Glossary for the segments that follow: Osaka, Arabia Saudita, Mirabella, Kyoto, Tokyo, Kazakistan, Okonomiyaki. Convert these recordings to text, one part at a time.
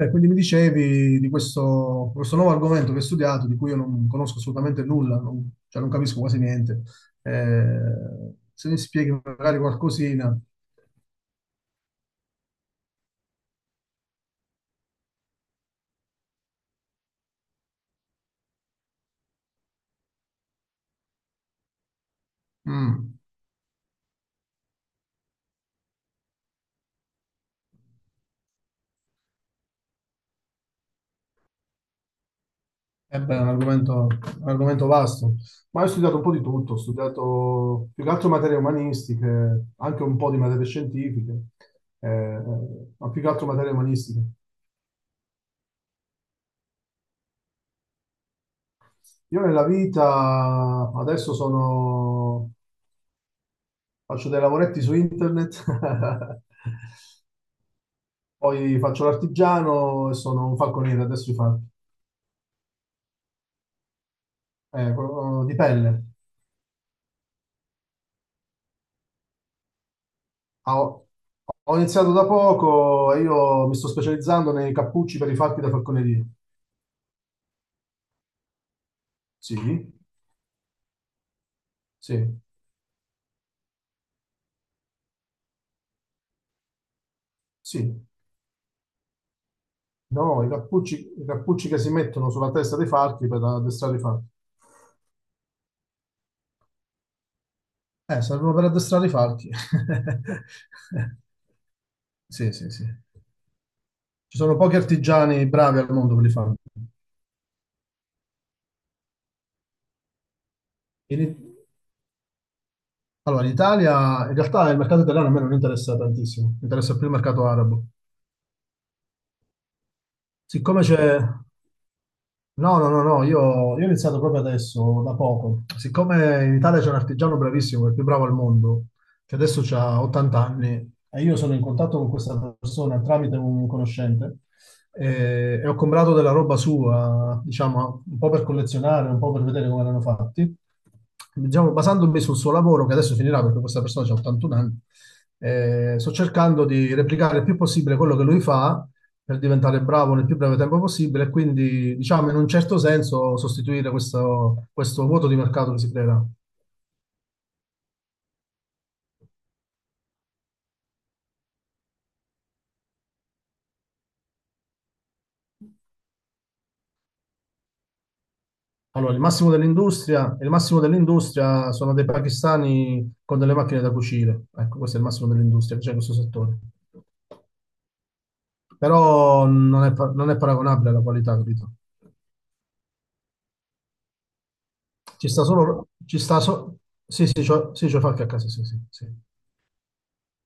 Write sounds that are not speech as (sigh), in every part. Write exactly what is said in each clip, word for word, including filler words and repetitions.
Eh, quindi mi dicevi di questo, questo nuovo argomento che hai studiato, di cui io non conosco assolutamente nulla, non, cioè non capisco quasi niente. Eh, se mi spieghi magari qualcosina, mm, eh beh, è un argomento, un argomento vasto. Ma io ho studiato un po' di tutto, ho studiato più che altro materie umanistiche, anche un po' di materie scientifiche, eh, ma più che altro materie umanistiche. Io nella vita adesso sono, faccio dei lavoretti su internet (laughs) Poi faccio l'artigiano e sono un falconiere adesso di, fal- eh, quello- di pelle. Ah, Ho, ho iniziato da poco e io mi sto specializzando nei cappucci per i falchi da falconeria. Sì, sì, sì. No, i cappucci, i cappucci che si mettono sulla testa dei falchi per addestrare i falchi. Eh, servono per addestrare i falchi. (laughs) Sì, sì, sì. Ci sono pochi artigiani bravi al mondo per li fare. Allora, l'Italia, in realtà il mercato italiano a me non interessa tantissimo, mi interessa più il mercato arabo. Siccome c'è, Ok. No, no, no, no, io, io ho iniziato proprio adesso, da poco. Siccome in Italia c'è un artigiano bravissimo, il più bravo al mondo, che adesso ha ottanta anni, e io sono in contatto con questa persona tramite un conoscente, e, e ho comprato della roba sua, diciamo, un po' per collezionare, un po' per vedere come erano fatti. Diciamo, basandomi sul suo lavoro, che adesso finirà perché questa persona ha ottantuno anni, eh, sto cercando di replicare il più possibile quello che lui fa, per diventare bravo nel più breve tempo possibile e quindi, diciamo, in un certo senso sostituire questo, questo vuoto di mercato che si creerà. Allora, il massimo dell'industria, il massimo dell'industria sono dei pakistani con delle macchine da cucire. Ecco, questo è il massimo dell'industria che c'è in questo settore. Però non è, pa- non è paragonabile alla qualità, capito? Ci sta solo... Ci sta so- Sì, sì, c'ho, sì, c'ho fatto a casa, sì, sì, sì.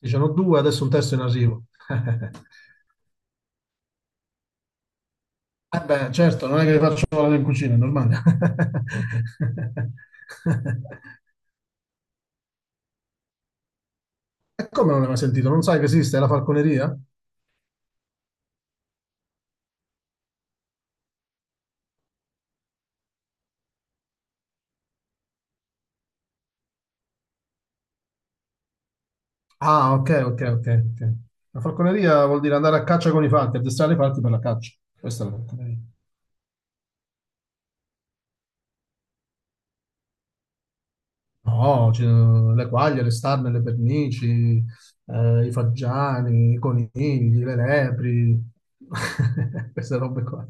Ci sono due, adesso un terzo in arrivo. (laughs) Eh beh, certo, non è che li faccio lavorare in cucina, è normale. (laughs) E come non l'hai mai sentito? Non sai che esiste la falconeria? Ah, ok, ok, ok. Ok. La falconeria vuol dire andare a caccia con i falchi, addestrare i falchi per la caccia. Questa è la falconeria. No, ci- le quaglie, le starne, le pernici, eh, i faggiani, i conigli, le lepri, (laughs) queste robe qua.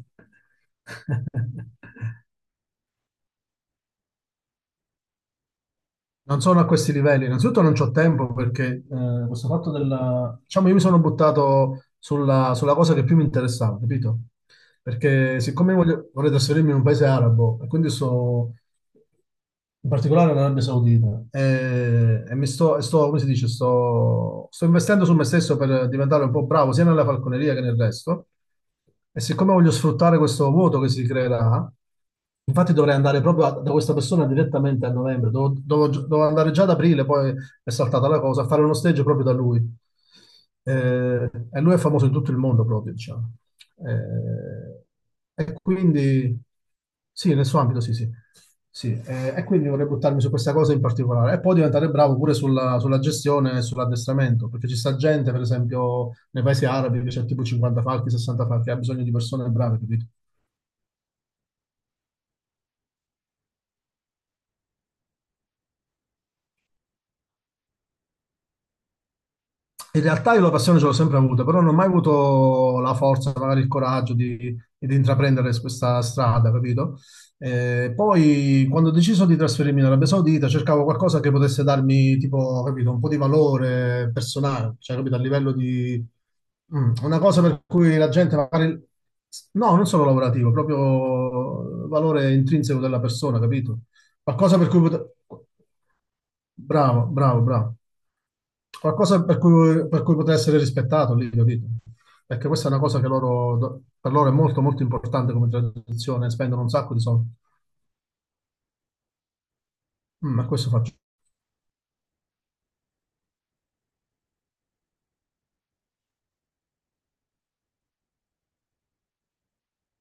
(laughs) Non sono a questi livelli. Innanzitutto non c'ho tempo perché eh, questo fatto della... Diciamo, io mi sono buttato sulla, sulla cosa che più mi interessava, capito? Perché siccome voglio- vorrei trasferirmi in un paese arabo, e quindi sto in particolare in Arabia Saudita, e, e mi sto, e sto, come si dice, sto, sto investendo su me stesso per diventare un po' bravo sia nella falconeria che nel resto. E siccome voglio sfruttare questo vuoto che si creerà, infatti dovrei andare proprio a- da questa persona direttamente a novembre, dovevo dovevo gi- dovevo andare già ad aprile, poi è saltata la cosa, a fare uno stage proprio da lui. Eh, e lui è famoso in tutto il mondo proprio, diciamo. Eh, e quindi, sì, nel suo ambito, sì, sì. Sì, eh, e quindi vorrei buttarmi su questa cosa in particolare e poi diventare bravo pure sulla, sulla gestione e sull'addestramento, perché ci sta gente, per esempio, nei paesi arabi che c'è tipo cinquanta falchi, sessanta falchi, ha bisogno di persone brave, capito? In realtà io la passione ce l'ho sempre avuta, però non ho mai avuto la forza, magari il coraggio di, di intraprendere questa strada, capito? Eh, poi quando ho deciso di trasferirmi in Arabia Saudita cercavo qualcosa che potesse darmi, tipo, capito, un po' di valore personale, cioè, capito, a livello di... Mm, una cosa per cui la gente magari... No, non solo lavorativo, proprio valore intrinseco della persona, capito? Qualcosa per cui poter... Bravo, bravo, bravo. Qualcosa per cui, per cui poter essere rispettato lì, capito? Perché questa è una cosa che loro, do- per loro è molto, molto importante come tradizione, spendono un sacco di soldi. Mm, ma questo faccio.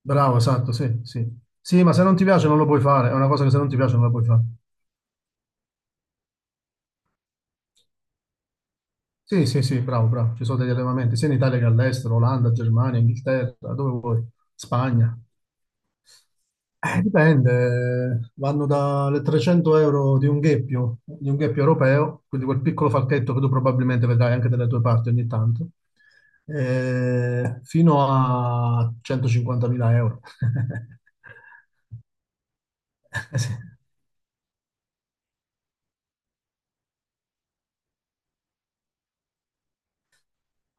Bravo, esatto, sì, sì. Sì, ma se non ti piace non lo puoi fare, è una cosa che se non ti piace non la puoi fare. Sì, sì, sì, bravo, bravo. Ci sono degli allevamenti sia in Italia che all'estero, Olanda, Germania, Inghilterra, dove vuoi, Spagna. Eh, Dipende, vanno dalle trecento euro di un gheppio, di un gheppio europeo, quindi quel piccolo falchetto che tu probabilmente vedrai anche dalle tue parti ogni tanto, eh, fino a centocinquantamila euro. (laughs) Eh sì.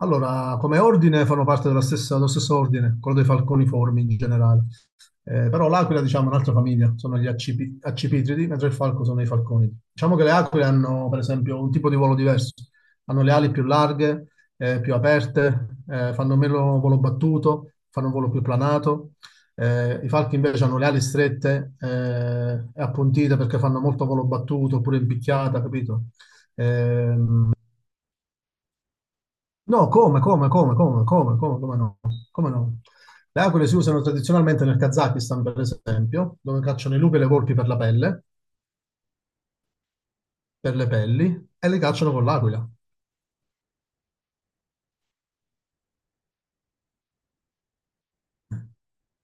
Allora, come ordine fanno parte della stessa- dello stesso ordine, quello dei falconiformi in generale. Eh, però l'aquila, diciamo, è un'altra famiglia, sono gli accipi- accipitridi, mentre il falco sono i falconi. Diciamo che le aquile hanno, per esempio, un tipo di volo diverso. Hanno le ali più larghe, eh, più aperte, eh, fanno meno volo battuto, fanno un volo più planato. Eh, I falchi invece hanno le ali strette eh, e appuntite perché fanno molto volo battuto oppure in picchiata, capito? Eh, No, come, come, come, come, come, come, come no? Come no? Le aquile si usano tradizionalmente nel Kazakistan, per esempio, dove cacciano i lupi e le volpi per la pelle, per le pelli, e le cacciano con l'aquila.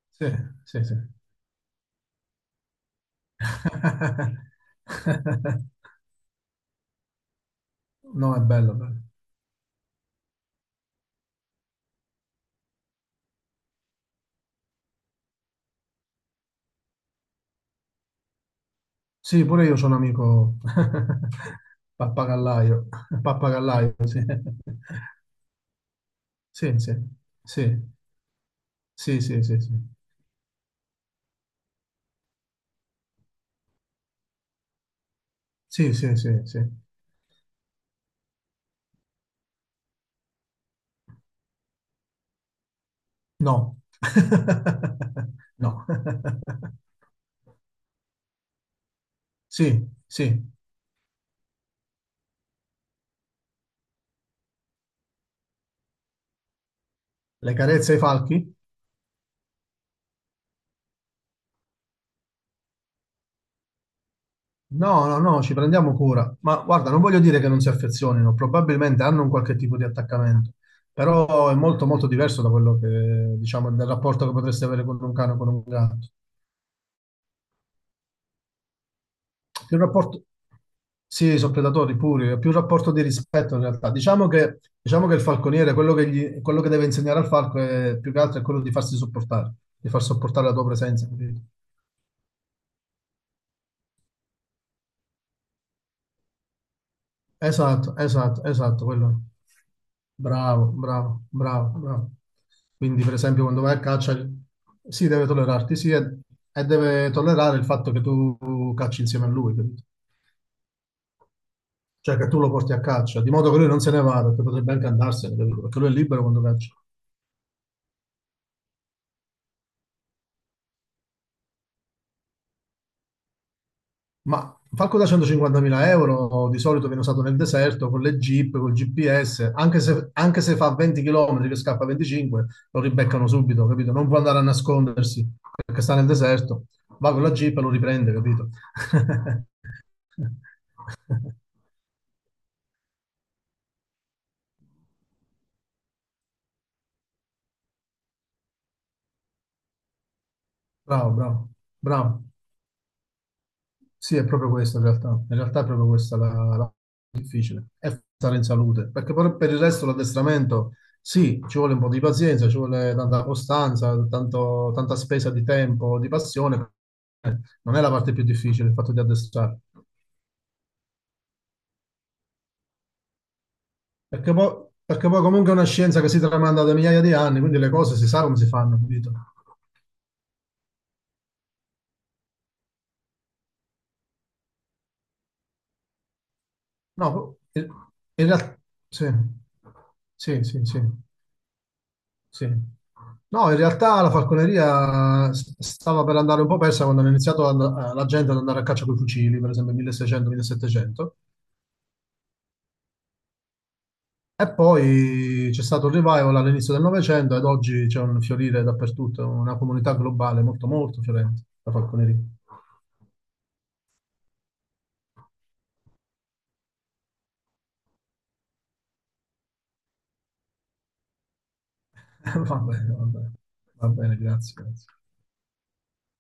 Sì, sì, sì. (laughs) No, è bello, bello. Sì, pure io ho un amico (laughs) pappagallaio, pappagallaio, sì. Sì, sì, sì, sì, sì, sì, sì, sì, sì, sì, sì. No. (laughs) No. Sì, sì, le carezze ai falchi? No, no, no, ci prendiamo cura. Ma guarda, non voglio dire che non si affezionino, probabilmente hanno un qualche tipo di attaccamento, però è molto molto diverso da quello che, diciamo, del rapporto che potresti avere con un cane o con un gatto. Più rapporto... Sì, sono predatori puri, è più rapporto di rispetto in realtà. Diciamo che, diciamo che il falconiere, quello che, gli- quello che deve insegnare al falco è più che altro è quello di farsi sopportare, di far sopportare la tua presenza. Capito? Esatto, esatto, esatto, quello. Bravo, bravo, bravo, bravo. Quindi, per esempio, quando vai a caccia, sì, deve tollerarti, sì, e, e deve tollerare il fatto che tu cacci insieme a lui, capito? Cioè che tu lo porti a caccia, di modo che lui non se ne vada, che potrebbe anche andarsene, capito? Perché lui è libero quando caccia. Ma falco da centocinquantamila euro di solito viene usato nel deserto con le jeep, col G P S, anche se, anche se fa venti chilometri che scappa a venticinque, lo ribeccano subito, capito? Non può andare a nascondersi perché sta nel deserto, va con la jeep e lo riprende, capito? (laughs) Bravo, bravo, bravo. Sì, è proprio questo in realtà. In realtà è proprio questa la, la difficile è stare in salute, perché per, per il resto l'addestramento sì, ci vuole un po' di pazienza, ci vuole tanta costanza, tanto- tanta spesa di tempo, di passione. Non è la parte più difficile il fatto di addestrare, perché poi, perché poi comunque è una scienza che si tramanda da migliaia di anni, quindi le cose si sa come si fanno, capito? No, in realtà sì, sì, sì, sì. Sì. No, in realtà la falconeria s- stava per andare un po' persa quando hanno iniziato ad and- eh, la gente ad andare a caccia con i fucili, per esempio milleseicento-millesettecento, e poi c'è stato il revival all'inizio del Novecento ed oggi c'è un fiorire dappertutto, una comunità globale molto molto fiorente, la falconeria. (laughs) Va bene, va bene, va bene, grazie, grazie.